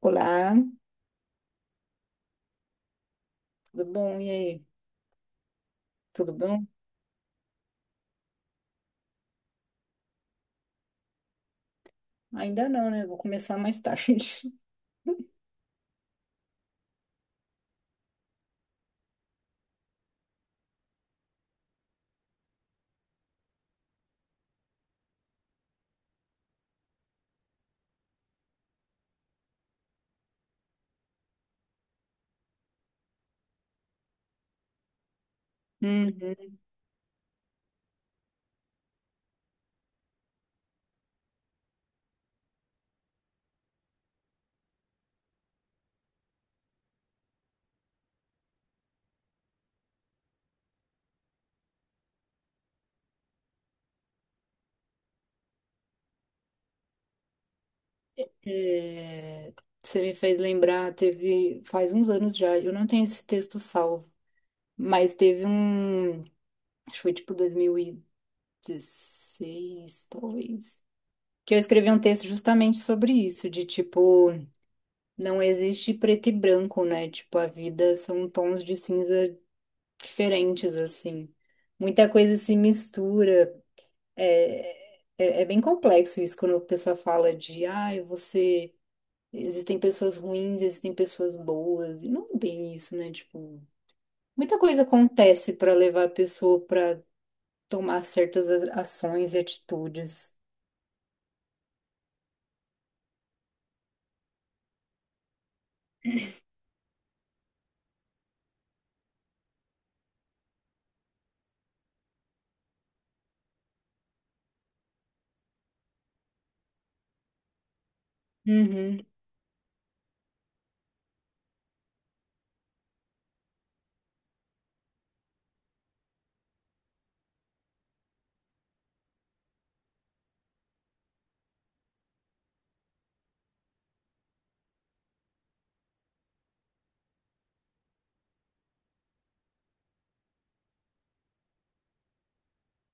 Olá, tudo bom? E aí? Tudo bom? Ainda não, né? Vou começar mais tarde. Uhum. É, você me fez lembrar, teve faz uns anos já, eu não tenho esse texto salvo, mas teve um, acho que foi tipo 2016, talvez. Que eu escrevi um texto justamente sobre isso, de tipo, não existe preto e branco, né? Tipo, a vida são tons de cinza diferentes, assim. Muita coisa se mistura. É bem complexo isso quando a pessoa fala de, ai, você. Existem pessoas ruins, existem pessoas boas, e não é bem isso, né? Tipo, muita coisa acontece para levar a pessoa para tomar certas ações e atitudes. Uhum.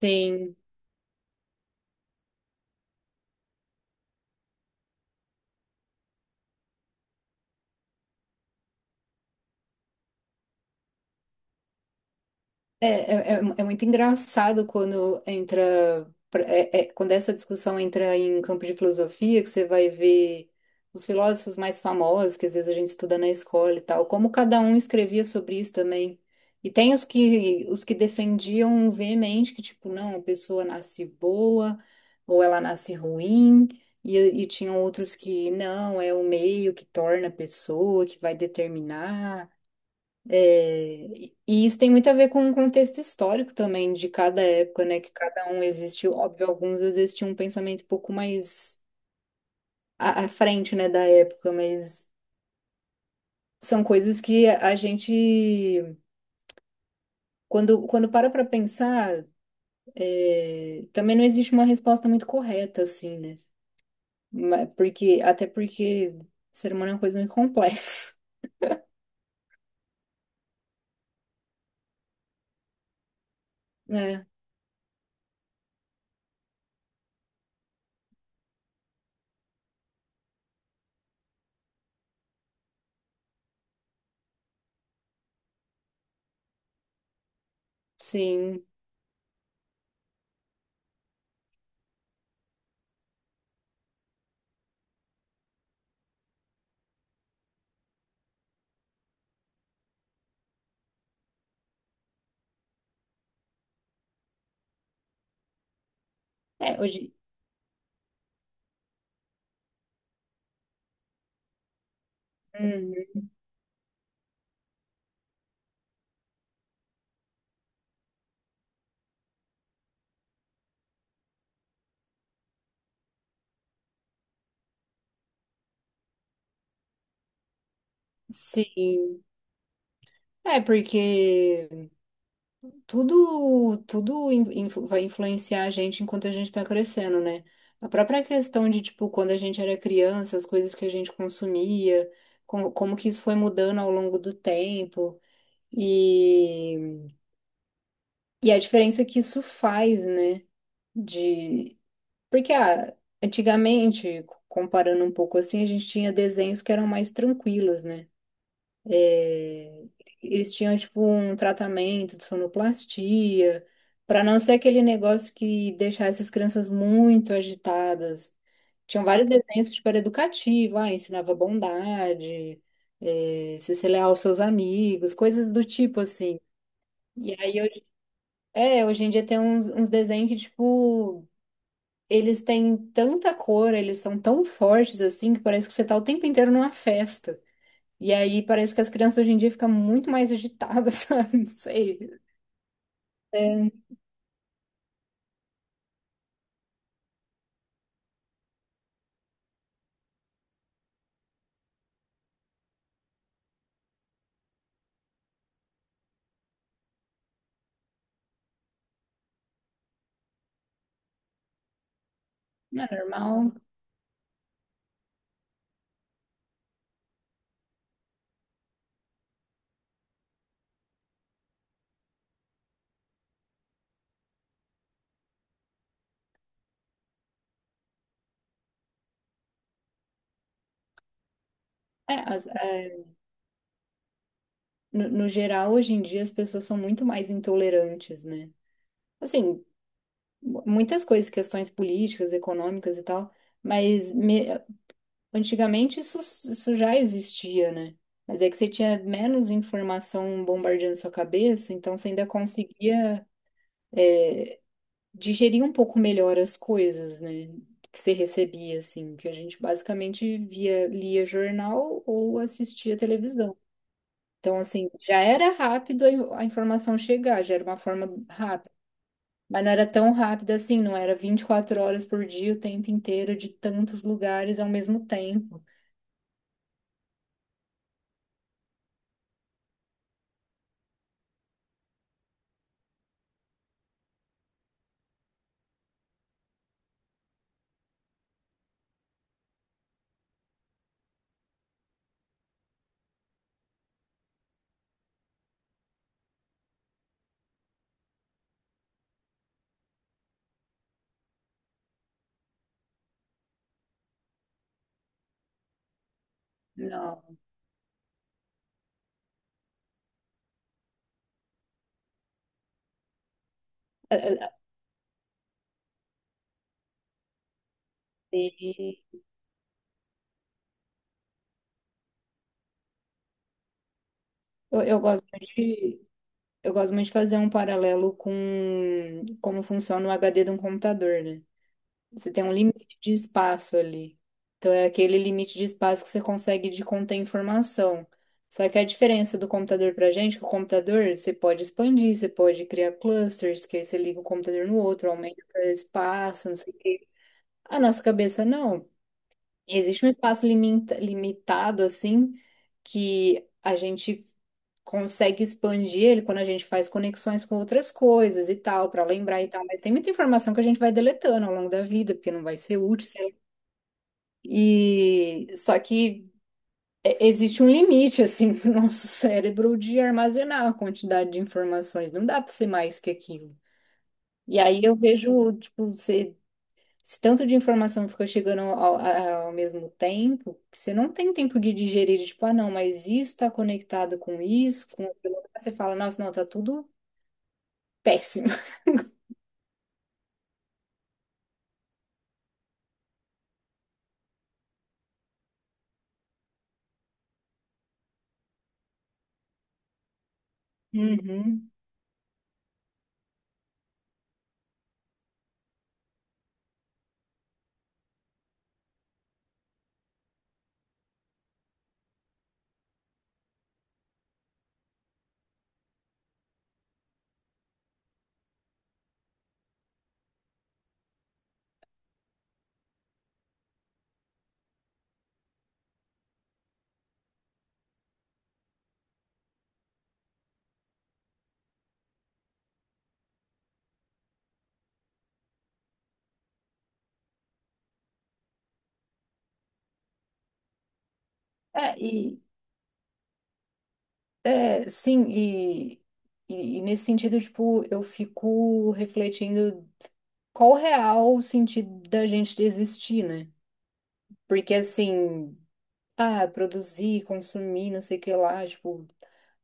Sim. É muito engraçado quando entra, quando essa discussão entra em campo de filosofia, que você vai ver os filósofos mais famosos, que às vezes a gente estuda na escola e tal, como cada um escrevia sobre isso também. E tem os que defendiam veemente que, tipo, não, a pessoa nasce boa ou ela nasce ruim, e, tinham outros que, não, é o meio que torna a pessoa, que vai determinar. É, e isso tem muito a ver com o contexto histórico também de cada época, né? Que cada um existiu. Óbvio, alguns existiam um pensamento um pouco mais à frente, né, da época, mas são coisas que a gente, quando para pra pensar, é, também não existe uma resposta muito correta, assim, né? Porque, até porque ser humano é uma coisa muito complexa, né? Sim. É, hoje. Uhum. Sim. É, porque. Tudo vai influenciar a gente enquanto a gente tá crescendo, né? A própria questão de, tipo, quando a gente era criança, as coisas que a gente consumia, como que isso foi mudando ao longo do tempo e, e a diferença que isso faz, né? De, porque, ah, antigamente, comparando um pouco assim, a gente tinha desenhos que eram mais tranquilos, né? Eles tinham, tipo, um tratamento de sonoplastia, para não ser aquele negócio que deixasse as crianças muito agitadas. Tinham vários desenhos que, tipo, era educativo, ah, ensinava bondade, se ser leal aos seus amigos, coisas do tipo, assim. E aí, hoje, é, hoje em dia tem uns desenhos que, tipo, eles têm tanta cor, eles são tão fortes, assim, que parece que você tá o tempo inteiro numa festa. E aí parece que as crianças hoje em dia ficam muito mais agitadas, sabe? Não sei. É, não é normal. É, as- é, no, geral, hoje em dia, as pessoas são muito mais intolerantes, né? Assim, muitas coisas, questões políticas, econômicas e tal, mas antigamente isso já existia, né? Mas é que você tinha menos informação bombardeando sua cabeça, então você ainda conseguia digerir um pouco melhor as coisas, né? Que você recebia, assim, que a gente basicamente via, lia jornal ou assistia televisão. Então, assim, já era rápido a informação chegar, já era uma forma rápida. Mas não era tão rápida assim, não era 24 horas por dia, o tempo inteiro, de tantos lugares ao mesmo tempo. Não. É, é, e eu gosto muito de, eu gosto muito de fazer um paralelo com como funciona o HD de um computador, né? Você tem um limite de espaço ali. Então, é aquele limite de espaço que você consegue de conter informação. Só que a diferença do computador pra gente, é que o computador você pode expandir, você pode criar clusters, que aí você liga o computador no outro, aumenta espaço, não sei o quê. A nossa cabeça não. Existe um espaço limitado, assim, que a gente consegue expandir ele quando a gente faz conexões com outras coisas e tal, para lembrar e tal. Mas tem muita informação que a gente vai deletando ao longo da vida, porque não vai ser útil, sei lá. E só que é, existe um limite, assim, pro nosso cérebro de armazenar a quantidade de informações. Não dá para ser mais que aquilo. E aí eu vejo, tipo, você esse tanto de informação ficou chegando ao mesmo tempo, que você não tem tempo de digerir, tipo, ah, não, mas isso tá conectado com isso, com aquilo, lá. Você fala, nossa, não, tá tudo péssimo. Uhum. É, e, é, sim, e, e nesse sentido, tipo, eu fico refletindo qual o real sentido da gente existir, né? Porque, assim, ah, produzir, consumir, não sei o que lá, tipo,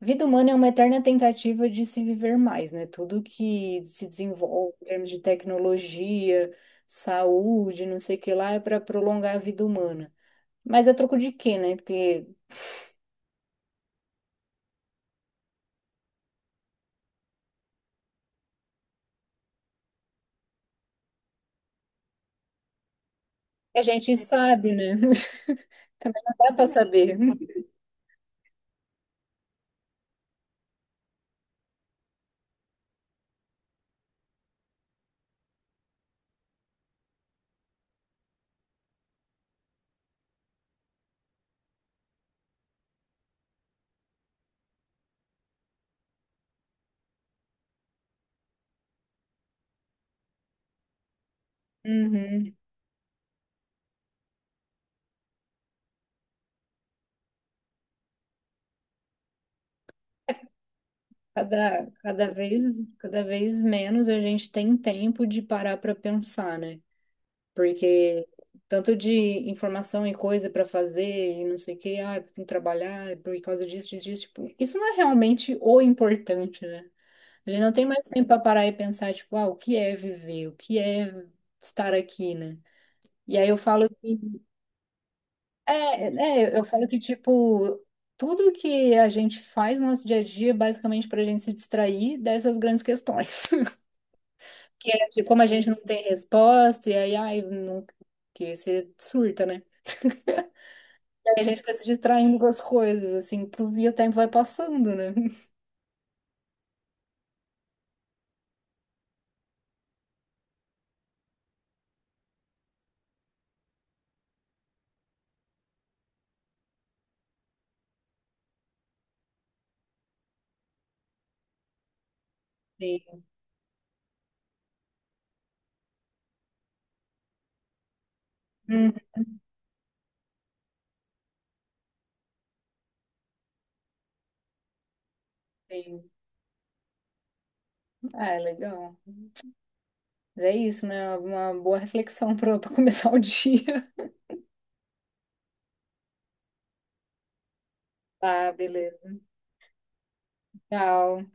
vida humana é uma eterna tentativa de se viver mais, né? Tudo que se desenvolve em termos de tecnologia, saúde, não sei o que lá, é para prolongar a vida humana. Mas a troco de quê, né? Porque a gente sabe, né? Dá para saber. Uhum. Cada, cada vez, cada vez menos a gente tem tempo de parar para pensar, né? Porque tanto de informação e coisa para fazer e não sei o que, ah, tem que trabalhar é por causa disso, disso, disso, tipo, isso não é realmente o importante, né? A gente não tem mais tempo para parar e pensar, tipo, ah, o que é viver? O que é estar aqui, né? E aí eu falo, é, eu falo que, tipo, tudo que a gente faz no nosso dia a dia é basicamente para a gente se distrair dessas grandes questões. Que é de como a gente não tem resposta, e aí, ai, não, que você surta, né? A gente fica se distraindo com as coisas, assim, pro e o tempo vai passando, né? Sim. Hum. Sim. Ah, é legal. Mas é isso, né? Uma boa reflexão pra, pra começar o dia. Tá, beleza. Tchau.